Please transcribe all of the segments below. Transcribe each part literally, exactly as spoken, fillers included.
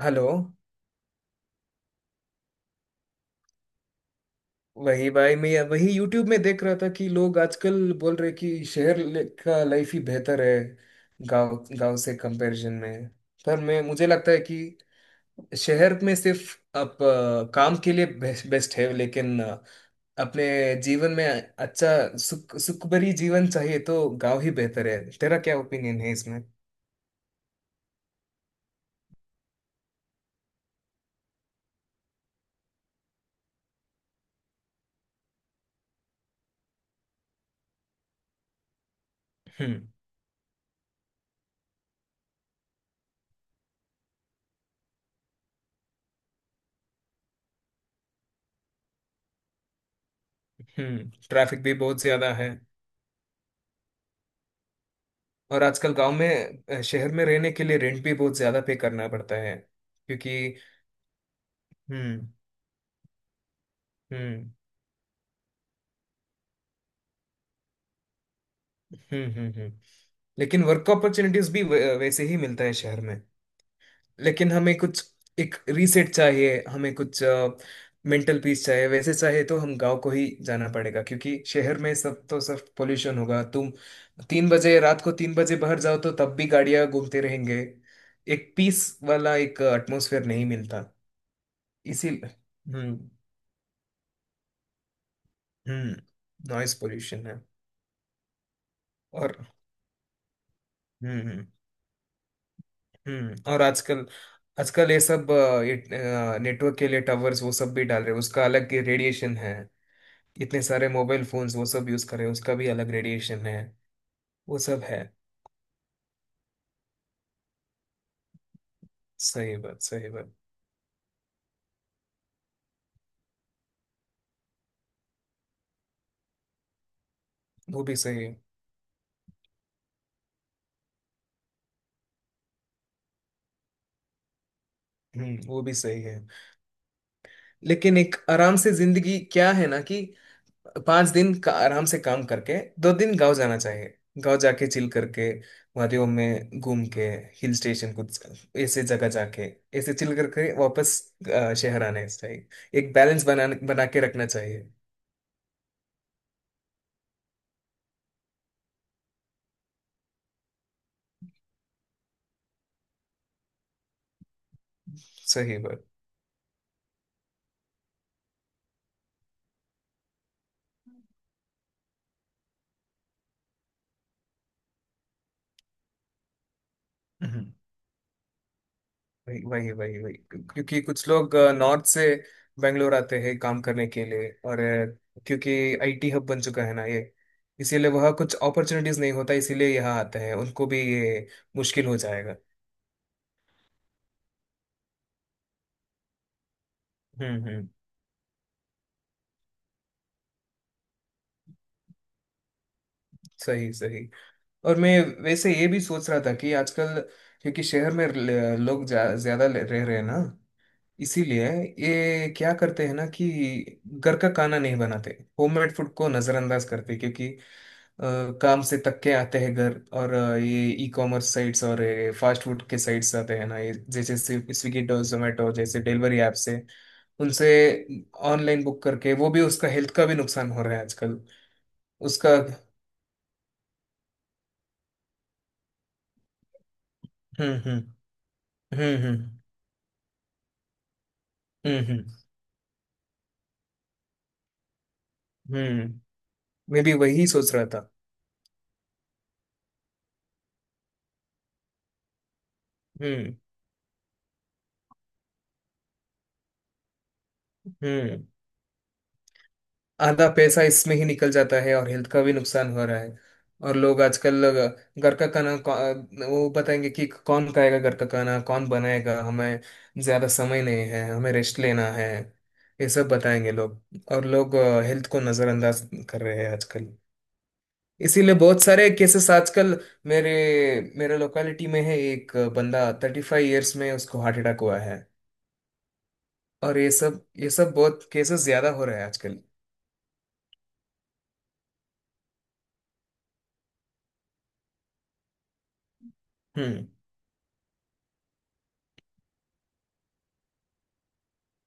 Hello. वही भाई, मैं वही यूट्यूब में देख रहा था कि लोग आजकल बोल रहे कि शहर ले- का लाइफ ही बेहतर है गांव गांव से कंपैरिजन में। पर मैं मुझे लगता है कि शहर में सिर्फ आप अ, काम के लिए बेस्ट है, लेकिन अ, अपने जीवन में अच्छा सुख सुख भरी जीवन चाहिए तो गांव ही बेहतर है। तेरा क्या ओपिनियन है इसमें? हम्म, हम्म, ट्रैफिक भी बहुत ज्यादा है। और आजकल गांव में अ, शहर में रहने के लिए रेंट भी बहुत ज्यादा पे करना पड़ता है। क्योंकि, हम्म, हम्म, हम्म, हम्म, हम्म। लेकिन वर्क अपॉर्चुनिटीज भी वै- वैसे ही मिलता है शहर में। लेकिन हमें कुछ एक रीसेट चाहिए, हमें कुछ मेंटल पीस चाहिए, वैसे चाहिए तो हम गांव को ही जाना पड़ेगा। क्योंकि शहर में सब तो सब पोल्यूशन होगा। तुम तीन बजे रात को तीन बजे बाहर जाओ तो तब भी गाड़ियां घूमते रहेंगे। एक पीस वाला एक एटमोसफेयर नहीं मिलता। इसी हम्म, हम्म, नॉइस पोल्यूशन है। और हम्म, हम्म। और आजकल आजकल ये सब अ, ये नेटवर्क के लिए टावर्स वो सब भी डाल रहे हैं, उसका अलग रेडिएशन है। इतने सारे मोबाइल फोन्स वो सब यूज कर रहे हैं, उसका भी अलग रेडिएशन है। वो सब है। सही बात, सही बात। वो भी सही है। हम्म, वो भी सही है। लेकिन एक आराम से जिंदगी क्या है ना कि पांच दिन का आराम से काम करके दो दिन गांव जाना चाहिए। गांव जाके चिल करके, वादियों में घूम के, हिल स्टेशन कुछ ऐसे जगह जाके, ऐसे चिल करके वापस अ, शहर आने चाहिए। एक बैलेंस बना बना के रखना चाहिए। सही बात। हम्म, वही वही वही वही। क्योंकि कुछ लोग नॉर्थ से बेंगलोर आते हैं काम करने के लिए, और अ, क्योंकि आई टी हब बन चुका है ना ये, इसीलिए वह कुछ अपॉर्चुनिटीज नहीं होता इसीलिए यहाँ आते हैं। उनको भी ये मुश्किल हो जाएगा। हम्म, हम्म, सही, सही। और मैं वैसे ये भी सोच रहा था कि आजकल क्योंकि शहर में ल- लोग जा, ज्यादा ले- रह रहे हैं ना, इसीलिए ये क्या करते हैं ना कि घर का खाना नहीं बनाते, होममेड फूड को नजरअंदाज करते हैं, क्योंकि अ, काम से थक के आते हैं घर, और अ, ये ई कॉमर्स साइट्स और फास्ट फूड के साइट्स आते हैं ना ये, जैसे स्विगी और जोमेटो जैसे डिलीवरी ऐप से, उनसे ऑनलाइन बुक करके, वो भी उसका हेल्थ का भी नुकसान हो रहा है आजकल। उसका। हम्म, हम्म, हम्म, हम्म, हम्म, हम्म, हम्म, मैं भी वही सोच रहा था। हम्म, हम्म, आधा पैसा इसमें ही निकल जाता है और हेल्थ का भी नुकसान हो रहा है। और लोग आजकल अ, घर का खाना कौ- वो बताएंगे कि कौन खाएगा घर का खाना, कौन बनाएगा। हमें ज्यादा समय नहीं है, हमें रेस्ट लेना है। ये सब बताएंगे लोग। और लोग हेल्थ को नजरअंदाज कर रहे हैं आजकल। इसीलिए बहुत सारे केसेस आजकल मेरे मेरे लोकेलिटी में है। एक बंदा थर्टी फाइव ईयर्स में उसको हार्ट अटैक हुआ है। और ये सब ये सब बहुत केसेस ज्यादा हो रहे हैं आजकल। हम्म,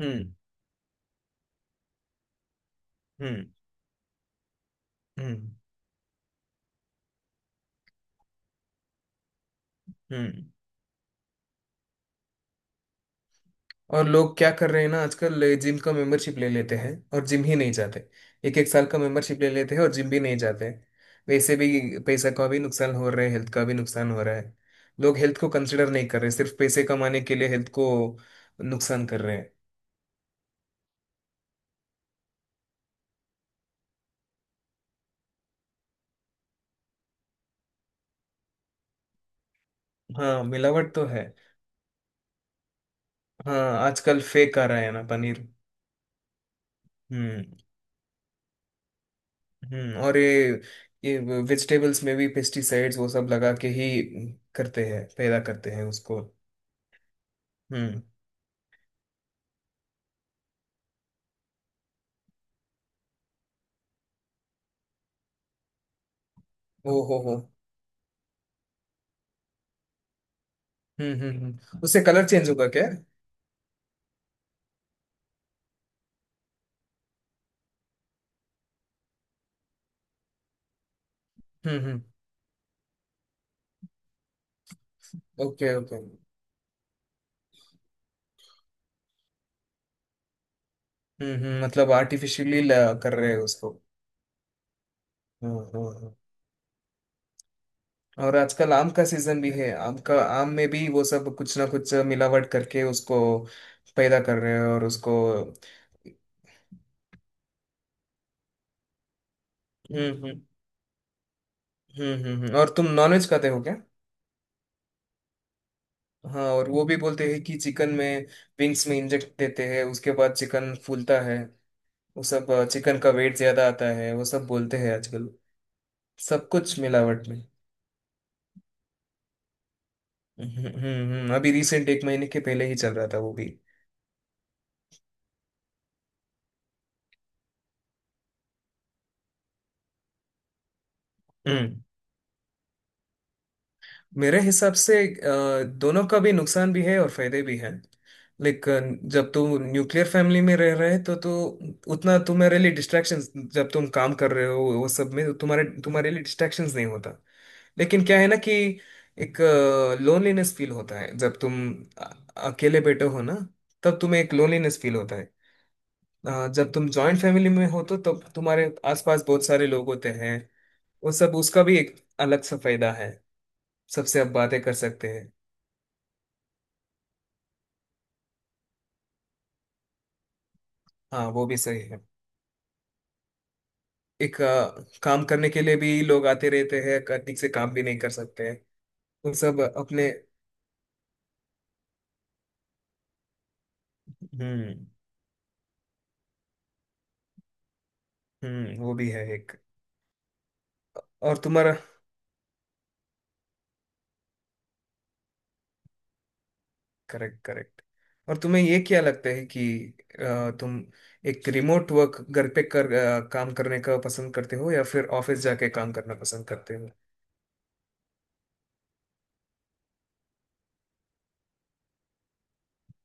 हम्म, हम्म, हम्म, हम्म। और लोग क्या कर रहे हैं ना आजकल, जिम का मेंबरशिप ले लेते हैं और जिम ही नहीं जाते। एक एक साल का मेंबरशिप ले लेते हैं और जिम भी नहीं जाते। वैसे भी पैसा का भी नुकसान हो रहा है, हेल्थ का भी नुकसान हो रहा है। लोग हेल्थ को कंसिडर नहीं कर रहे, सिर्फ पैसे कमाने के लिए हेल्थ को नुकसान कर रहे हैं। हाँ, मिलावट तो है। हाँ, आजकल फेक आ रहा है ना पनीर। हम्म, हम्म। और ये ये वेजिटेबल्स में भी पेस्टिसाइड्स वो सब लगा के ही करते हैं, पैदा करते हैं उसको। हम्म। ओ हो हो। हम्म, हम्म, हम्म, उससे कलर चेंज होगा क्या? हम्म, हम्म। Okay, okay. हम्म, हम्म, मतलब आर्टिफिशियली कर रहे हैं उसको। हम्म, हम्म, हम्म। और आजकल आम का सीजन भी है। आम का आम में भी वो सब कुछ ना कुछ मिलावट करके उसको पैदा कर रहे हैं, और उसको, हम्म, हम्म, हम्म, हम्म, हम्म। और तुम नॉनवेज खाते हो क्या? हाँ, और वो भी बोलते हैं कि चिकन में विंग्स में इंजेक्ट देते हैं, उसके बाद चिकन फूलता है, वो सब। चिकन का वेट ज्यादा आता है, वो सब बोलते हैं आजकल, सब कुछ मिलावट में। हम्म, हम्म, हम्म, हम्म, अभी रिसेंट एक महीने के पहले ही चल रहा था वो भी। हम्म। मेरे हिसाब से अ, दोनों का भी नुकसान भी है और फायदे भी हैं। लेकिन जब तू न्यूक्लियर फैमिली में रह रहे, तो तू उतना तुम्हारे लिए डिस्ट्रैक्शंस, जब तुम काम कर रहे हो वो सब में, तो तुम्हारे तुम्हारे लिए डिस्ट्रैक्शंस नहीं होता। लेकिन क्या है ना कि एक लोनलीनेस फील होता है, जब तुम अ- अकेले बैठे हो ना, तब तुम्हें एक लोनलीनेस फील होता है। अ, जब तुम जॉइंट फैमिली में हो, तो तब तुम्हारे आसपास बहुत सारे लोग होते हैं वो सब, उसका भी एक अलग सा फायदा है। सबसे आप बातें कर सकते हैं। हाँ, वो भी सही है। एक अ, काम करने के लिए भी लोग आते रहते हैं, क- ठीक से काम भी नहीं कर सकते हैं, वो सब अपने। हम्म, हम्म, वो भी है एक। और तुम्हारा। Correct, correct. और तुम्हें ये क्या लगता है कि अ, तुम एक रिमोट वर्क घर पे कर अ, काम करने का पसंद करते हो या फिर ऑफिस जाके काम करना पसंद करते हो?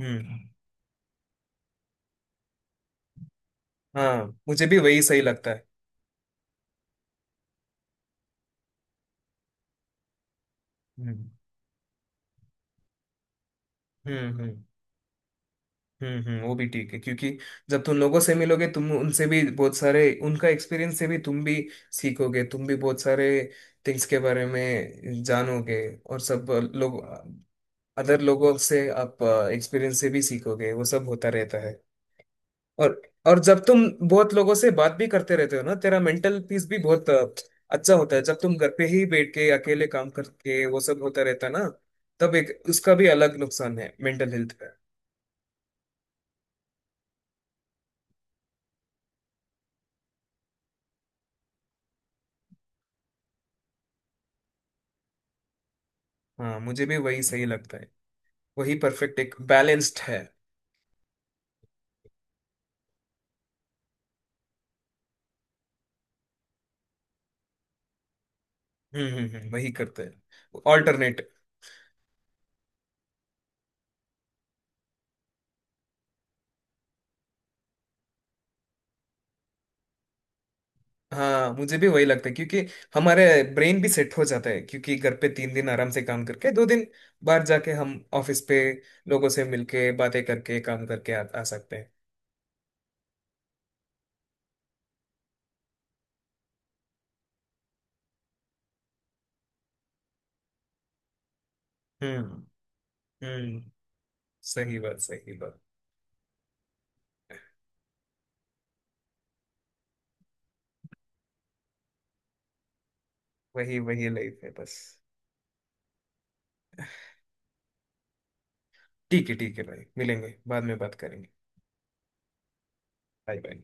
हम्म। हाँ, मुझे भी वही सही लगता है। हम्म, हम्म, हम्म, हम्म, हम्म, वो भी ठीक है, क्योंकि जब तुम लोगों से मिलोगे, तुम उनसे भी बहुत सारे उनका एक्सपीरियंस से भी तुम भी सीखोगे, तुम भी बहुत सारे थिंग्स के बारे में जानोगे। और सब लोग, अदर लोगों से आप एक्सपीरियंस से भी सीखोगे, वो सब होता रहता है। और और जब तुम बहुत लोगों से बात भी करते रहते हो ना, तेरा मेंटल पीस भी बहुत अ, अच्छा होता है। जब तुम घर पे ही बैठ के अकेले काम करके वो सब होता रहता ना, तब एक उसका भी अलग नुकसान है मेंटल हेल्थ का। हाँ, मुझे भी वही सही लगता है। वही परफेक्ट एक बैलेंस्ड है। हम्म, हम्म, हम्म, वही करते हैं ऑल्टरनेट। हाँ, मुझे भी वही लगता है, क्योंकि हमारे ब्रेन भी सेट हो जाता है, क्योंकि घर पे तीन दिन आराम से काम करके दो दिन बाहर जाके हम ऑफिस पे लोगों से मिलके बातें करके काम करके आ, आ सकते हैं। हम्म, हम्म, सही बात, सही बात। वही वही लाइफ है बस। ठीक है, ठीक है भाई, मिलेंगे बाद में बात करेंगे। Bye, bye.